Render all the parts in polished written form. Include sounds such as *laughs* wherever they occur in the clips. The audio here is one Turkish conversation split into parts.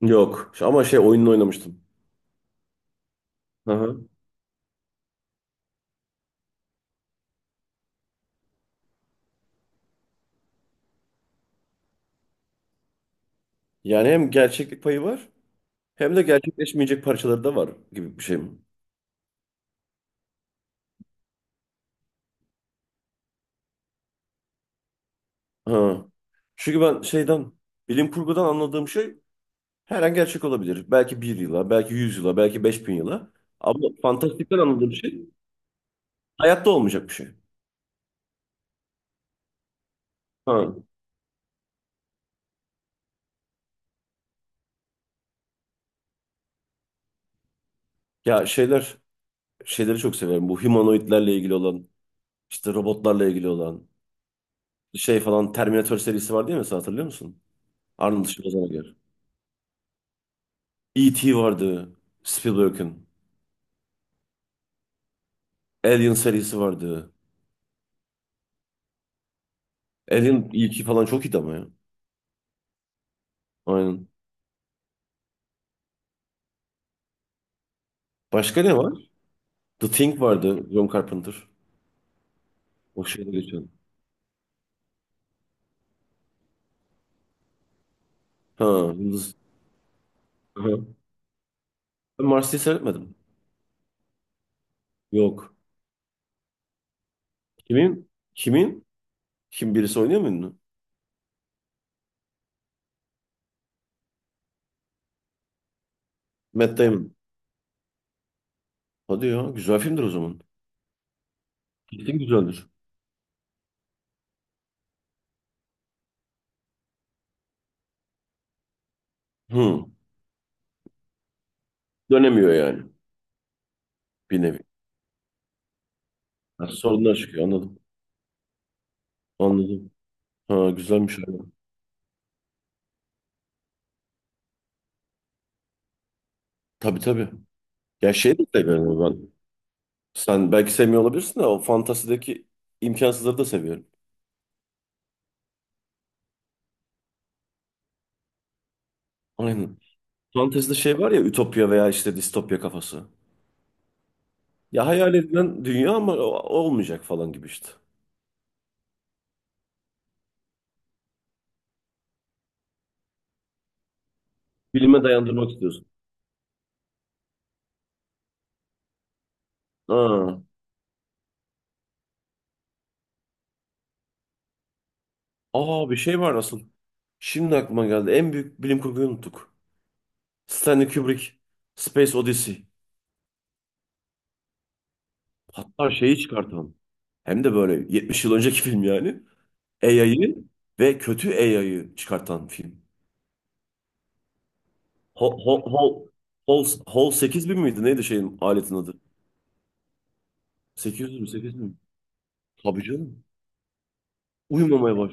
Yok. Ama şey oyununu oynamıştım. Hı hı. Yani hem gerçeklik payı var hem de gerçekleşmeyecek parçaları da var gibi bir şey mi? Ha. Çünkü ben şeyden bilim kurgudan anladığım şey her an gerçek olabilir. Belki bir yıla, belki 100 yıla, belki 5.000 yıla. Ama fantastikten anladığım şey hayatta olmayacak bir şey. Ha. Ya şeyler şeyleri çok severim. Bu humanoidlerle ilgili olan, işte robotlarla ilgili olan şey falan Terminator serisi var değil mi? Sen hatırlıyor musun? Arnold Schwarzenegger. E.T. vardı. Spielberg'in. Alien serisi vardı. Alien ilki falan çok iyiydi ama ya. Aynen. Başka ne var? The Thing vardı. John Carpenter. O şeyde geçiyordu. Ha, Yıldız. Aha. Ben Mars'ı seyretmedim. Yok. Kimin? Kimin? Kim birisi oynuyor mu ünlü? Matt Damon. Hadi ya. Güzel filmdir o zaman. Kesin güzeldir. Hı. Dönemiyor yani. Bir nevi. Ha, sorunlar çıkıyor. Anladım. Anladım. Ha, güzelmiş, abi. Tabii tabii. Ya şey de seviyorum ben. Sen belki sevmiyor olabilirsin de o fantazideki imkansızları da seviyorum. Aynen. Fantezide şey var ya ütopya veya işte distopya kafası. Ya hayal edilen dünya ama olmayacak falan gibi işte. Bilime dayandırmak istiyorsun. Aa, aa bir şey var asıl. Şimdi aklıma geldi. En büyük bilim kurguyu unuttuk. Stanley Kubrick, Space Odyssey. Hatta şeyi çıkartan. Hem de böyle 70 yıl önceki film yani. AI'yı ve kötü AI'yı çıkartan film. Hol, hol, hol, hol 8000 miydi? Neydi şeyin aletin adı? 800 mü 800 mü? Tabii canım. Uyumamaya baş.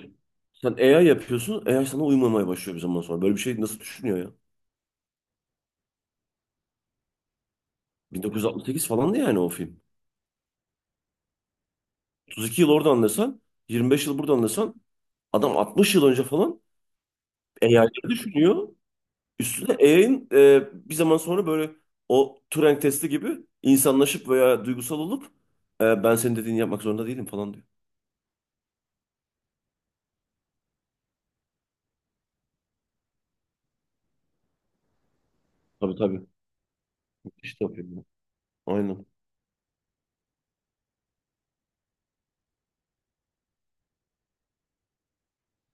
Sen AI yapıyorsun. AI sana uyumamaya başlıyor bir zaman sonra. Böyle bir şey nasıl düşünüyor ya? 1968 falandı yani o film. 32 yıl orada anlasan, 25 yıl burada anlasan adam 60 yıl önce falan AI'ları düşünüyor. Üstüne AI'nin bir zaman sonra böyle o Turing testi gibi insanlaşıp veya duygusal olup ben senin dediğini yapmak zorunda değilim falan diyor. Tabii tabii. İşte yapıyorum ben. Aynen.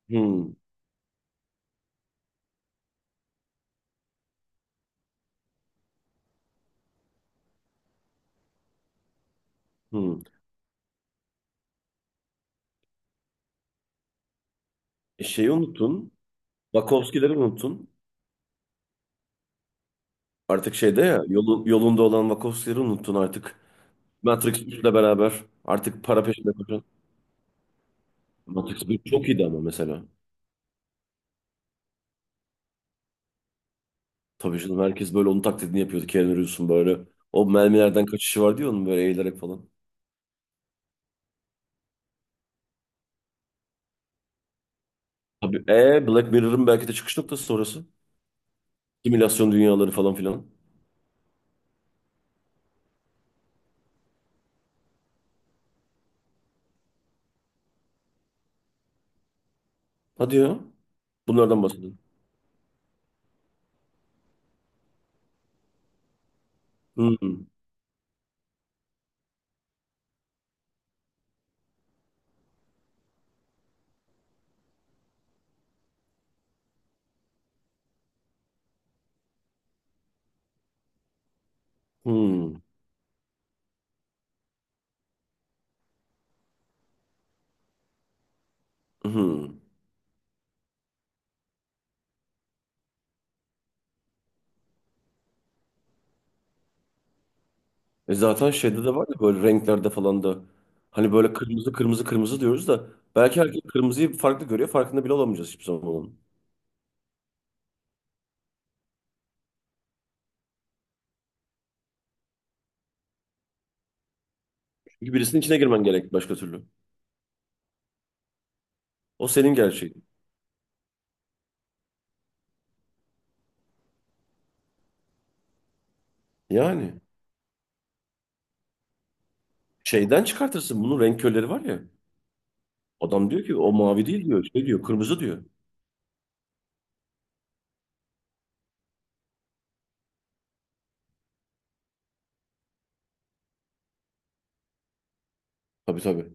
Hmm, hmm. E şeyi unuttun. Wachowski'leri unuttun. Artık şeyde ya yolunda olan Wachowski'leri unuttun artık. Matrix 3'le beraber artık para peşinde koşan. Matrix bir çok iyiydi ama mesela. Tabii canım herkes böyle onun taklidini yapıyordu. Keanu Reeves'un böyle. O mermilerden kaçışı vardı ya onun böyle eğilerek falan. Tabii Black Mirror'ın belki de çıkış noktası sonrası. Simülasyon dünyaları falan filan. Hadi ya. Bunlardan bahsedelim. Hmm, hmm, hmm. E zaten şeyde de var ya böyle renklerde falan da. Hani böyle kırmızı kırmızı kırmızı diyoruz da belki herkes kırmızıyı farklı görüyor. Farkında bile olamayacağız hiçbir zaman onun. Çünkü birisinin içine girmen gerek başka türlü. O senin gerçeğin. Yani şeyden çıkartırsın bunun renk körleri var ya. Adam diyor ki o mavi değil diyor. Şey diyor kırmızı diyor. Tabii tabii.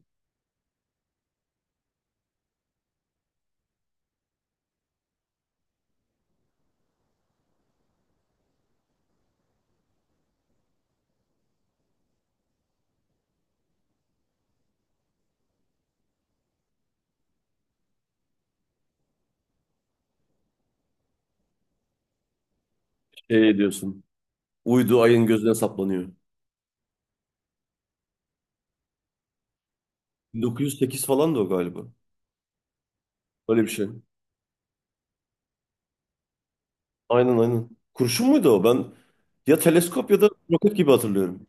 Şey diyorsun. Uydu ayın gözüne saplanıyor. 1908 falan da o galiba. Öyle bir şey. Aynen aynen. Kurşun muydu o? Ben ya teleskop ya da roket gibi hatırlıyorum.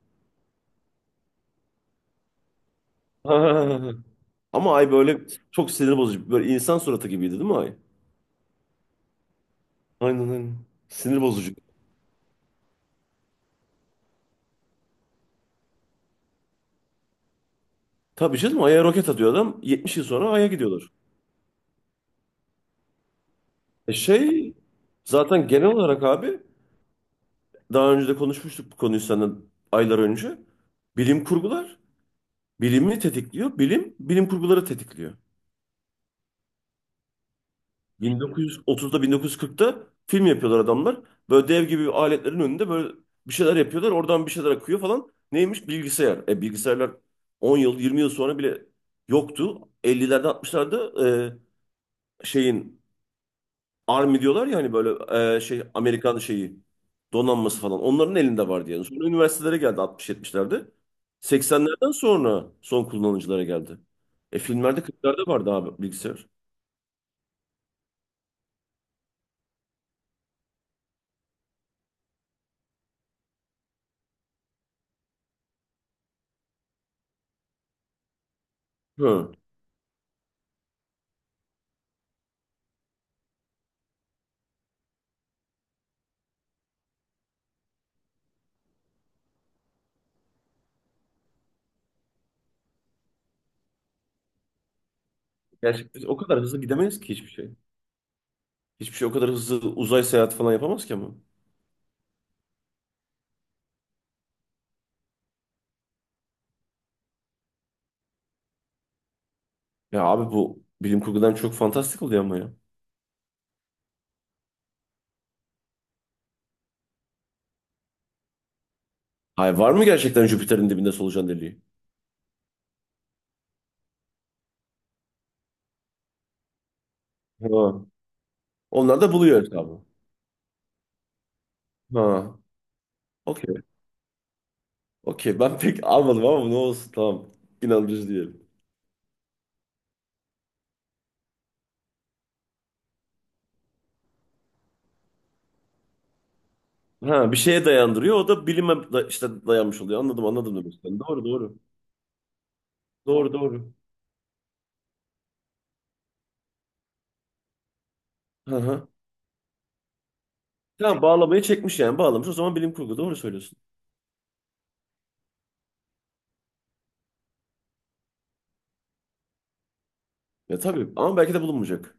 *laughs* Ama ay böyle çok sinir bozucu. Böyle insan suratı gibiydi değil mi ay? Aynen aynen. Sinir bozucu. Tabii bir şey değil mi? Ay'a roket atıyor adam. 70 yıl sonra Ay'a gidiyorlar. E şey zaten genel olarak abi daha önce de konuşmuştuk bu konuyu senden aylar önce. Bilim kurgular bilimi tetikliyor. Bilim bilim kurguları tetikliyor. 1930'da 1940'ta film yapıyorlar adamlar. Böyle dev gibi aletlerin önünde böyle bir şeyler yapıyorlar. Oradan bir şeyler akıyor falan. Neymiş? Bilgisayar. E bilgisayarlar 10 yıl 20 yıl sonra bile yoktu. 50'lerde 60'larda şeyin Army diyorlar ya hani böyle şey Amerikan şeyi donanması falan. Onların elinde vardı yani. Sonra üniversitelere geldi 60-70'lerde. 80'lerden sonra son kullanıcılara geldi. E filmlerde 40'larda vardı abi bilgisayar. Hı. Gerçekten biz o kadar hızlı gidemeyiz ki hiçbir şey. Hiçbir şey o kadar hızlı uzay seyahati falan yapamaz ki ama. Ya abi bu bilim kurgudan çok fantastik oluyor ama ya. Hayır var mı gerçekten Jüpiter'in dibinde solucan deliği? Ha. Onlar da buluyor hesabı. Ha. Okey. Okey. Ben pek almadım ama ne olsun tamam. İnandırıcı diyelim. Ha bir şeye dayandırıyor. O da bilime işte dayanmış oluyor. Anladım anladım demek istedim. Doğru doğru. Doğru doğru. Hı hı. Tamam bağlamayı çekmiş yani bağlamış. O zaman bilim kurgu doğru söylüyorsun. Ya tabii ama belki de bulunmayacak.